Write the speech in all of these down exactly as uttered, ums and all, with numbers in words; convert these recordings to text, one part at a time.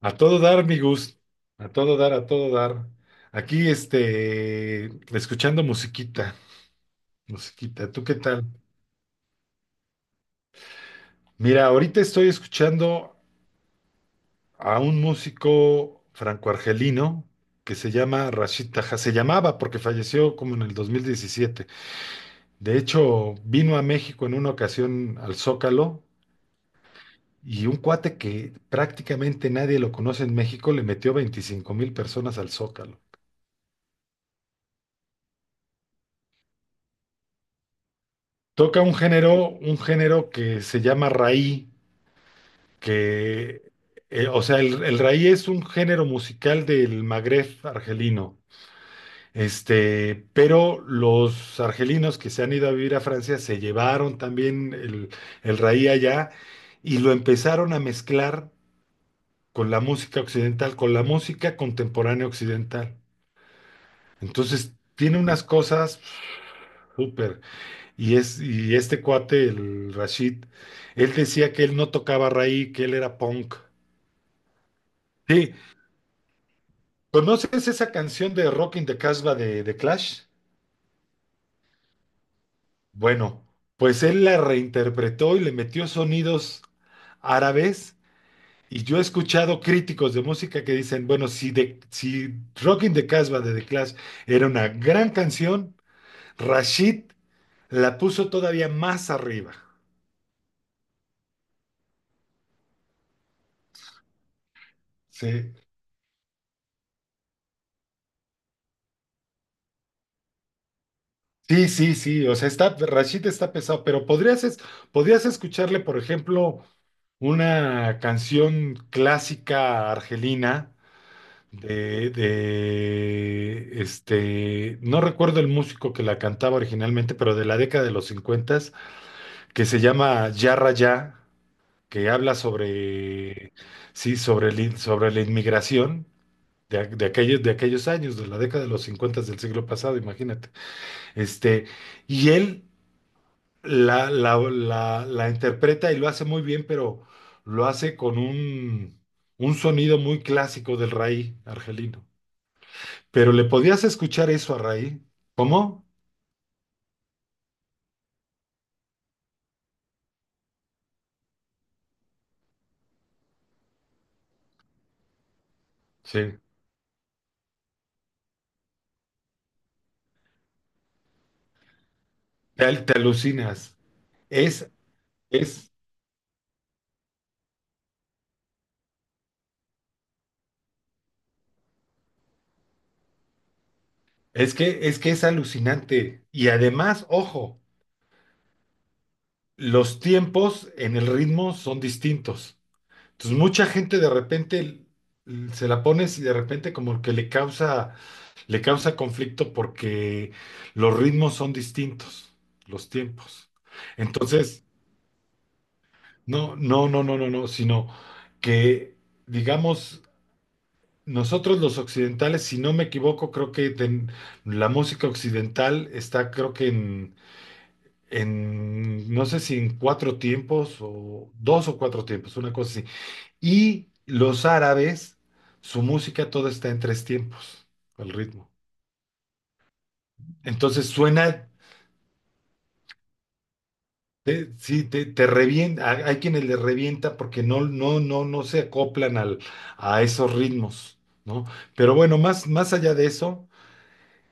A todo dar, mi Gus. A todo dar, a todo dar. Aquí, este, escuchando musiquita, musiquita. ¿Tú qué tal? Mira, ahorita estoy escuchando a un músico franco-argelino que se llama Rashid Taha. Se llamaba porque falleció como en el dos mil diecisiete. De hecho, vino a México en una ocasión al Zócalo y un cuate que prácticamente nadie lo conoce en México le metió veinticinco mil personas al Zócalo. Toca un género, un género que se llama raï, que, eh, o sea, el, el raï es un género musical del Magreb argelino. Este, pero los argelinos que se han ido a vivir a Francia se llevaron también el, el raï allá y lo empezaron a mezclar con la música occidental, con la música contemporánea occidental. Entonces, tiene unas cosas súper. Y, es, y este cuate, el Rashid, él decía que él no tocaba raíz, que él era punk. Sí, ¿conoces esa canción de Rock in the Casbah de, de Clash? Bueno, pues él la reinterpretó y le metió sonidos árabes. Y yo he escuchado críticos de música que dicen, bueno, si, de, si Rock in the Casbah de The Clash era una gran canción, Rashid la puso todavía más arriba. Sí. Sí, sí, sí, o sea, está, Rashid está pesado, pero podrías, es- podrías escucharle, por ejemplo, una canción clásica argelina de, de, este, no recuerdo el músico que la cantaba originalmente, pero de la década de los cincuenta que se llama Ya Rayá, que habla sobre, sí, sobre, el in- sobre la inmigración. De, a- de aquellos, de aquellos años, de la década de los cincuenta del siglo pasado, imagínate. Este, y él la, la, la, la interpreta y lo hace muy bien, pero lo hace con un, un sonido muy clásico del raï argelino. Pero le podías escuchar eso a raï. ¿Cómo? Sí. Te, al- te alucinas. Es, es, es que, es que es alucinante. Y además, ojo, los tiempos en el ritmo son distintos. Entonces, mucha gente de repente l- se la pones y de repente como que le causa, le causa conflicto porque los ritmos son distintos, los tiempos. Entonces, no, no, no, no, no, no, sino que, digamos, nosotros los occidentales, si no me equivoco, creo que ten- la música occidental está, creo que en, en, no sé si en cuatro tiempos o dos o cuatro tiempos, una cosa así. Y los árabes, su música todo está en tres tiempos, el ritmo. Entonces suena, te- sí, te, te revienta, hay hay quienes le revienta porque no, no, no, no se acoplan al, a esos ritmos, ¿no? Pero bueno, más, más allá de eso,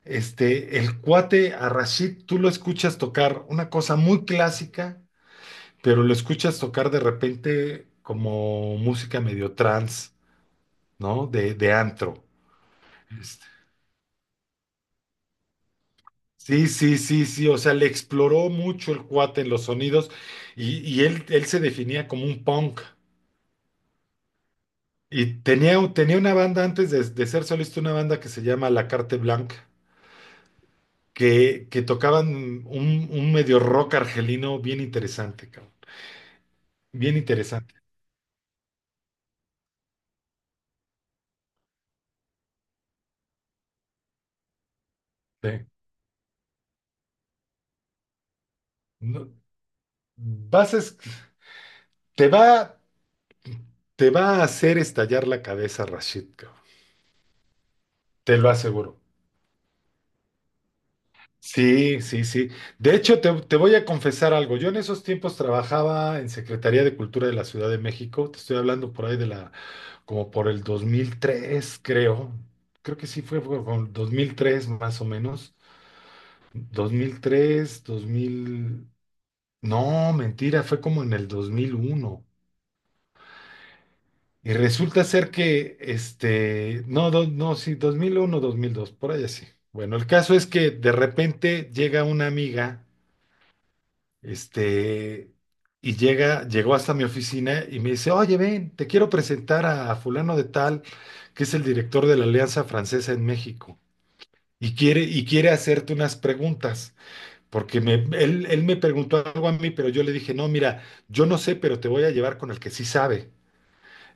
este, el cuate a Rashid, tú lo escuchas tocar una cosa muy clásica, pero lo escuchas tocar de repente como música medio trance, ¿no? De, de antro. Este. Sí, sí, sí, sí, o sea, le exploró mucho el cuate en los sonidos y, y él, él se definía como un punk. Y tenía, un- tenía una banda antes de, de ser solista, una banda que se llama La Carte Blanca, que, que tocaban un, un medio rock argelino bien interesante, cabrón. Bien interesante. Sí. No- vas a es- te va, te va a hacer estallar la cabeza, Rashid, cabrón. Te lo aseguro. Sí, sí, sí. De hecho, te, te voy a confesar algo. Yo en esos tiempos trabajaba en Secretaría de Cultura de la Ciudad de México. Te estoy hablando por ahí de la, como por el dos mil tres, creo. Creo que sí fue, fue con dos mil tres, más o menos. Dos mil tres, dos mil. No, mentira, fue como en el dos mil uno. Y resulta ser que, este, no, do- no, sí, dos dos mil uno, dos mil dos, por ahí así. Bueno, el caso es que de repente llega una amiga. Este, y llega, llegó hasta mi oficina y me dice, oye, ven, te quiero presentar a fulano de tal, que es el director de la Alianza Francesa en México. Y quiere, y quiere hacerte unas preguntas, porque me- él, él me preguntó algo a mí, pero yo le dije, no, mira, yo no sé, pero te voy a llevar con el que sí sabe.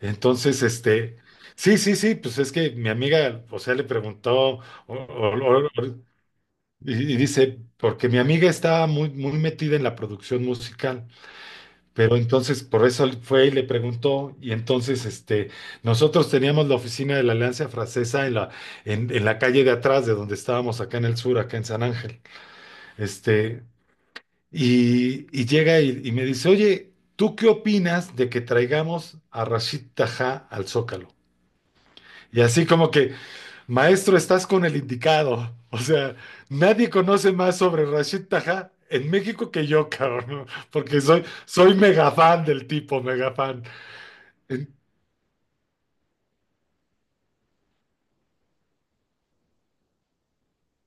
Entonces, este, sí, sí, sí, pues es que mi amiga, o sea, le preguntó, o- o- o- y, y dice, porque mi amiga estaba muy, muy metida en la producción musical. Pero entonces, por eso él fue y le preguntó, y entonces este, nosotros teníamos la oficina de la Alianza Francesa en la, en, en la calle de atrás de donde estábamos acá en el sur, acá en San Ángel. Este, y, y llega y, y me dice, oye, ¿tú qué opinas de que traigamos a Rashid Tajá al Zócalo? Y así como que, maestro, estás con el indicado. O sea, nadie conoce más sobre Rashid Tajá en México que yo, cabrón, porque soy, soy mega fan del tipo, mega fan. En-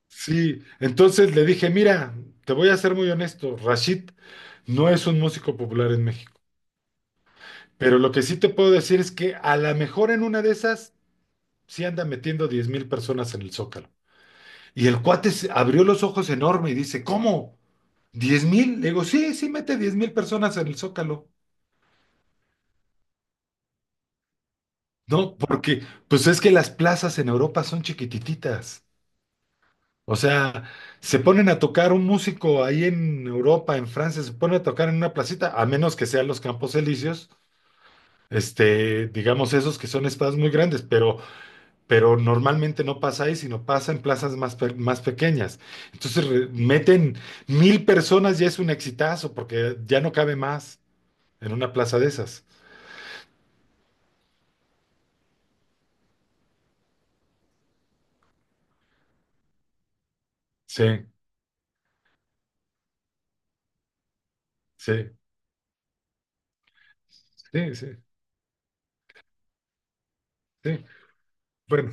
sí, entonces le dije, mira, te voy a ser muy honesto. Rashid no es un músico popular en México, pero lo que sí te puedo decir es que a lo mejor en una de esas sí anda metiendo diez mil personas en el Zócalo. Y el cuate se- abrió los ojos enorme y dice, ¿cómo? ¿Diez mil? Le digo, sí, sí mete diez mil personas en el Zócalo. No, porque pues es que las plazas en Europa son chiquititas. O sea, se ponen a tocar un músico ahí en Europa, en Francia, se ponen a tocar en una placita, a menos que sean los Campos Elíseos, este, digamos esos que son estados muy grandes, pero, pero normalmente no pasa ahí, sino pasa en plazas más, pe- más pequeñas. Entonces re- meten mil personas y es un exitazo, porque ya no cabe más en una plaza de esas. Sí, sí, sí, sí, sí. Bueno,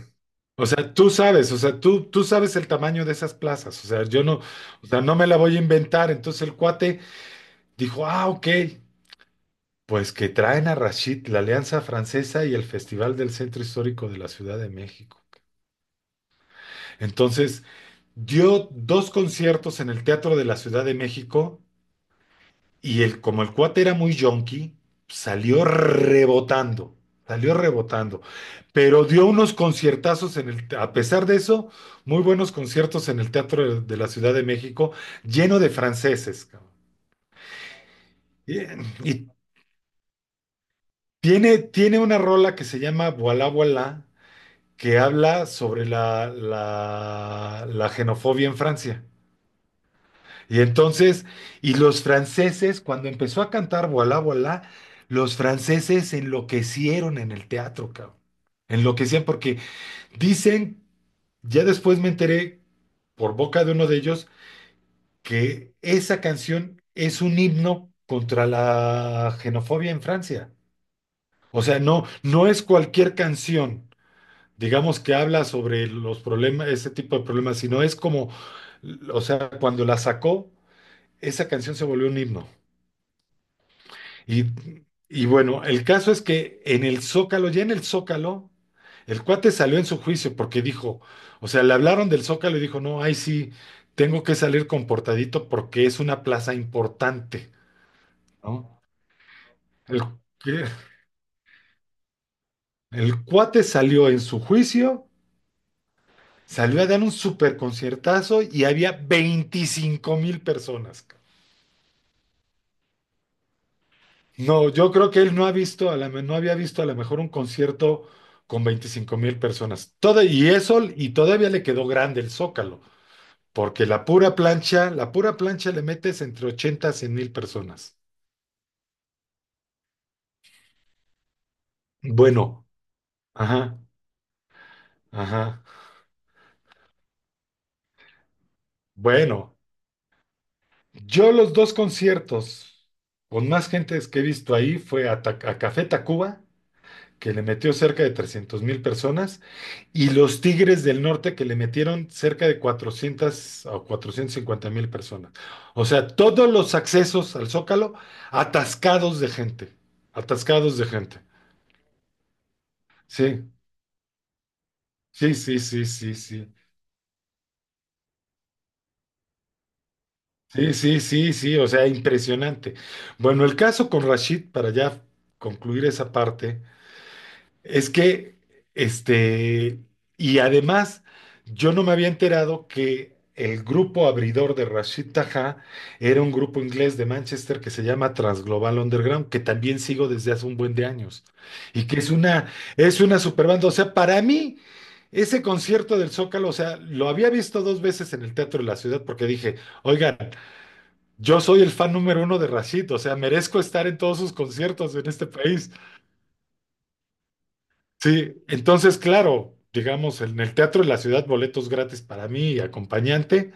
o sea, tú sabes, o sea, tú, tú sabes el tamaño de esas plazas, o sea, yo no, o sea, no me la voy a inventar. Entonces el cuate dijo, ah, ok, pues que traen a Rashid, la Alianza Francesa y el Festival del Centro Histórico de la Ciudad de México. Entonces dio dos conciertos en el Teatro de la Ciudad de México. Y el, como el cuate era muy yonki, salió rebotando, salió rebotando. Pero dio unos conciertazos en el, te- a pesar de eso, muy buenos conciertos en el Teatro de, de la Ciudad de México, lleno de franceses, cabrón. Y, y tiene, tiene una rola que se llama Voilà, voilà, que habla sobre la, la, la xenofobia en Francia. Y entonces, y los franceses, cuando empezó a cantar Voilà, voilà, los franceses enloquecieron en el teatro, cabrón. Enloquecían porque dicen, ya después me enteré por boca de uno de ellos, que esa canción es un himno contra la xenofobia en Francia. O sea, no, no es cualquier canción, digamos, que habla sobre los problemas, ese tipo de problemas, sino es como, o sea, cuando la sacó, esa canción se volvió un himno. Y, y bueno, el caso es que en el Zócalo, ya en el Zócalo, el cuate salió en su juicio porque dijo, o sea, le hablaron del Zócalo y dijo, no, ay sí, tengo que salir comportadito porque es una plaza importante, ¿no? El, que- el cuate salió en su juicio, salió a dar un super conciertazo y había veinticinco mil personas. No, yo creo que él no ha visto, a la, me- no había visto a lo mejor un concierto con veinticinco mil personas. Todo, y eso, y todavía le quedó grande el Zócalo, porque la pura plancha, la pura plancha le metes entre ochenta a cien mil personas. Bueno, ajá, ajá. Bueno, yo los dos conciertos con más gentes que he visto ahí fue a, Ta- a Café Tacuba que le metió cerca de trescientos mil personas, y los Tigres del Norte, que le metieron cerca de cuatrocientos o cuatrocientos cincuenta mil personas. O sea, todos los accesos al Zócalo atascados de gente, atascados de gente. Sí, sí, sí, sí, sí, sí. Sí, sí, sí, sí, o sea, impresionante. Bueno, el caso con Rashid, para ya concluir esa parte, es que, este, y además, yo no me había enterado que el grupo abridor de Rashid Taha era un grupo inglés de Manchester que se llama Transglobal Underground, que también sigo desde hace un buen de años, y que es una, es una super banda. O sea, para mí, ese concierto del Zócalo, o sea, lo había visto dos veces en el Teatro de la Ciudad porque dije, oigan, yo soy el fan número uno de Rashid, o sea, merezco estar en todos sus conciertos en este país. Sí, entonces, claro, digamos, en el Teatro de la Ciudad, boletos gratis para mí y acompañante,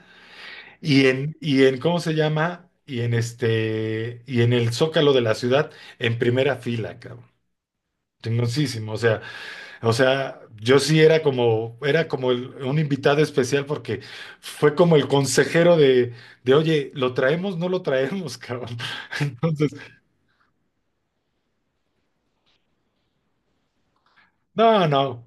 y en, y en, ¿cómo se llama? Y en este, y en el Zócalo de la Ciudad, en primera fila, cabrón. Chingosísimo, o sea, o sea, yo sí era como, era como el- un invitado especial porque fue como el consejero de, de, oye, ¿lo traemos? ¿No lo traemos, cabrón? Entonces, no, no.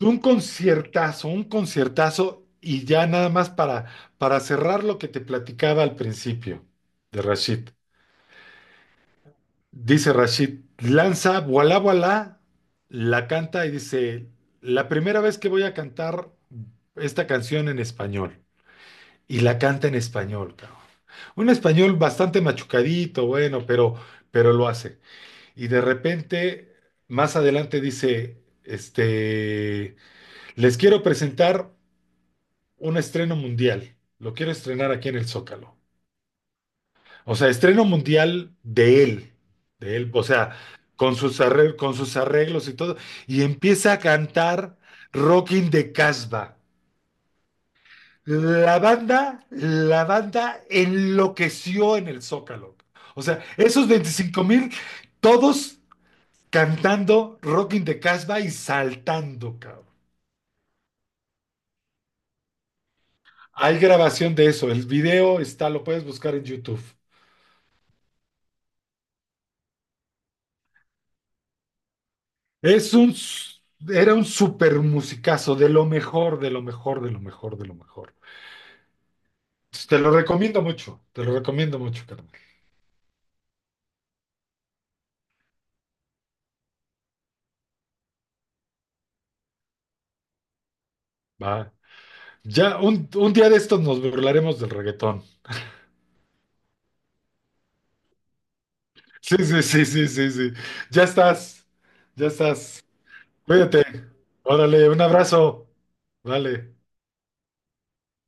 Un conciertazo, un conciertazo y ya nada más para, para cerrar lo que te platicaba al principio de Rashid. Dice Rashid, lanza, voilà, voilà, la canta y dice, la primera vez que voy a cantar esta canción en español. Y la canta en español, cabrón. Un español bastante machucadito, bueno, pero, pero lo hace. Y de repente, más adelante dice, este, les quiero presentar un estreno mundial. Lo quiero estrenar aquí en el Zócalo. O sea, estreno mundial de él, de él, o sea, con sus arreglos, con sus arreglos y todo. Y empieza a cantar "Rockin' de Casbah". La banda, la banda enloqueció en el Zócalo. O sea, esos veinticinco mil, todos cantando "Rockin' de Casbah" y saltando, cabrón. Hay grabación de eso. El video está, lo puedes buscar en YouTube. Es un, s- era un super musicazo, de lo mejor, de lo mejor, de lo mejor, de lo mejor. Te lo recomiendo mucho, te lo recomiendo mucho, carnal. Va. Ya un, un día de estos nos burlaremos del reggaetón. Sí, sí, sí, sí, sí, sí. Ya estás, ya estás. Cuídate. Órale, un abrazo. Vale.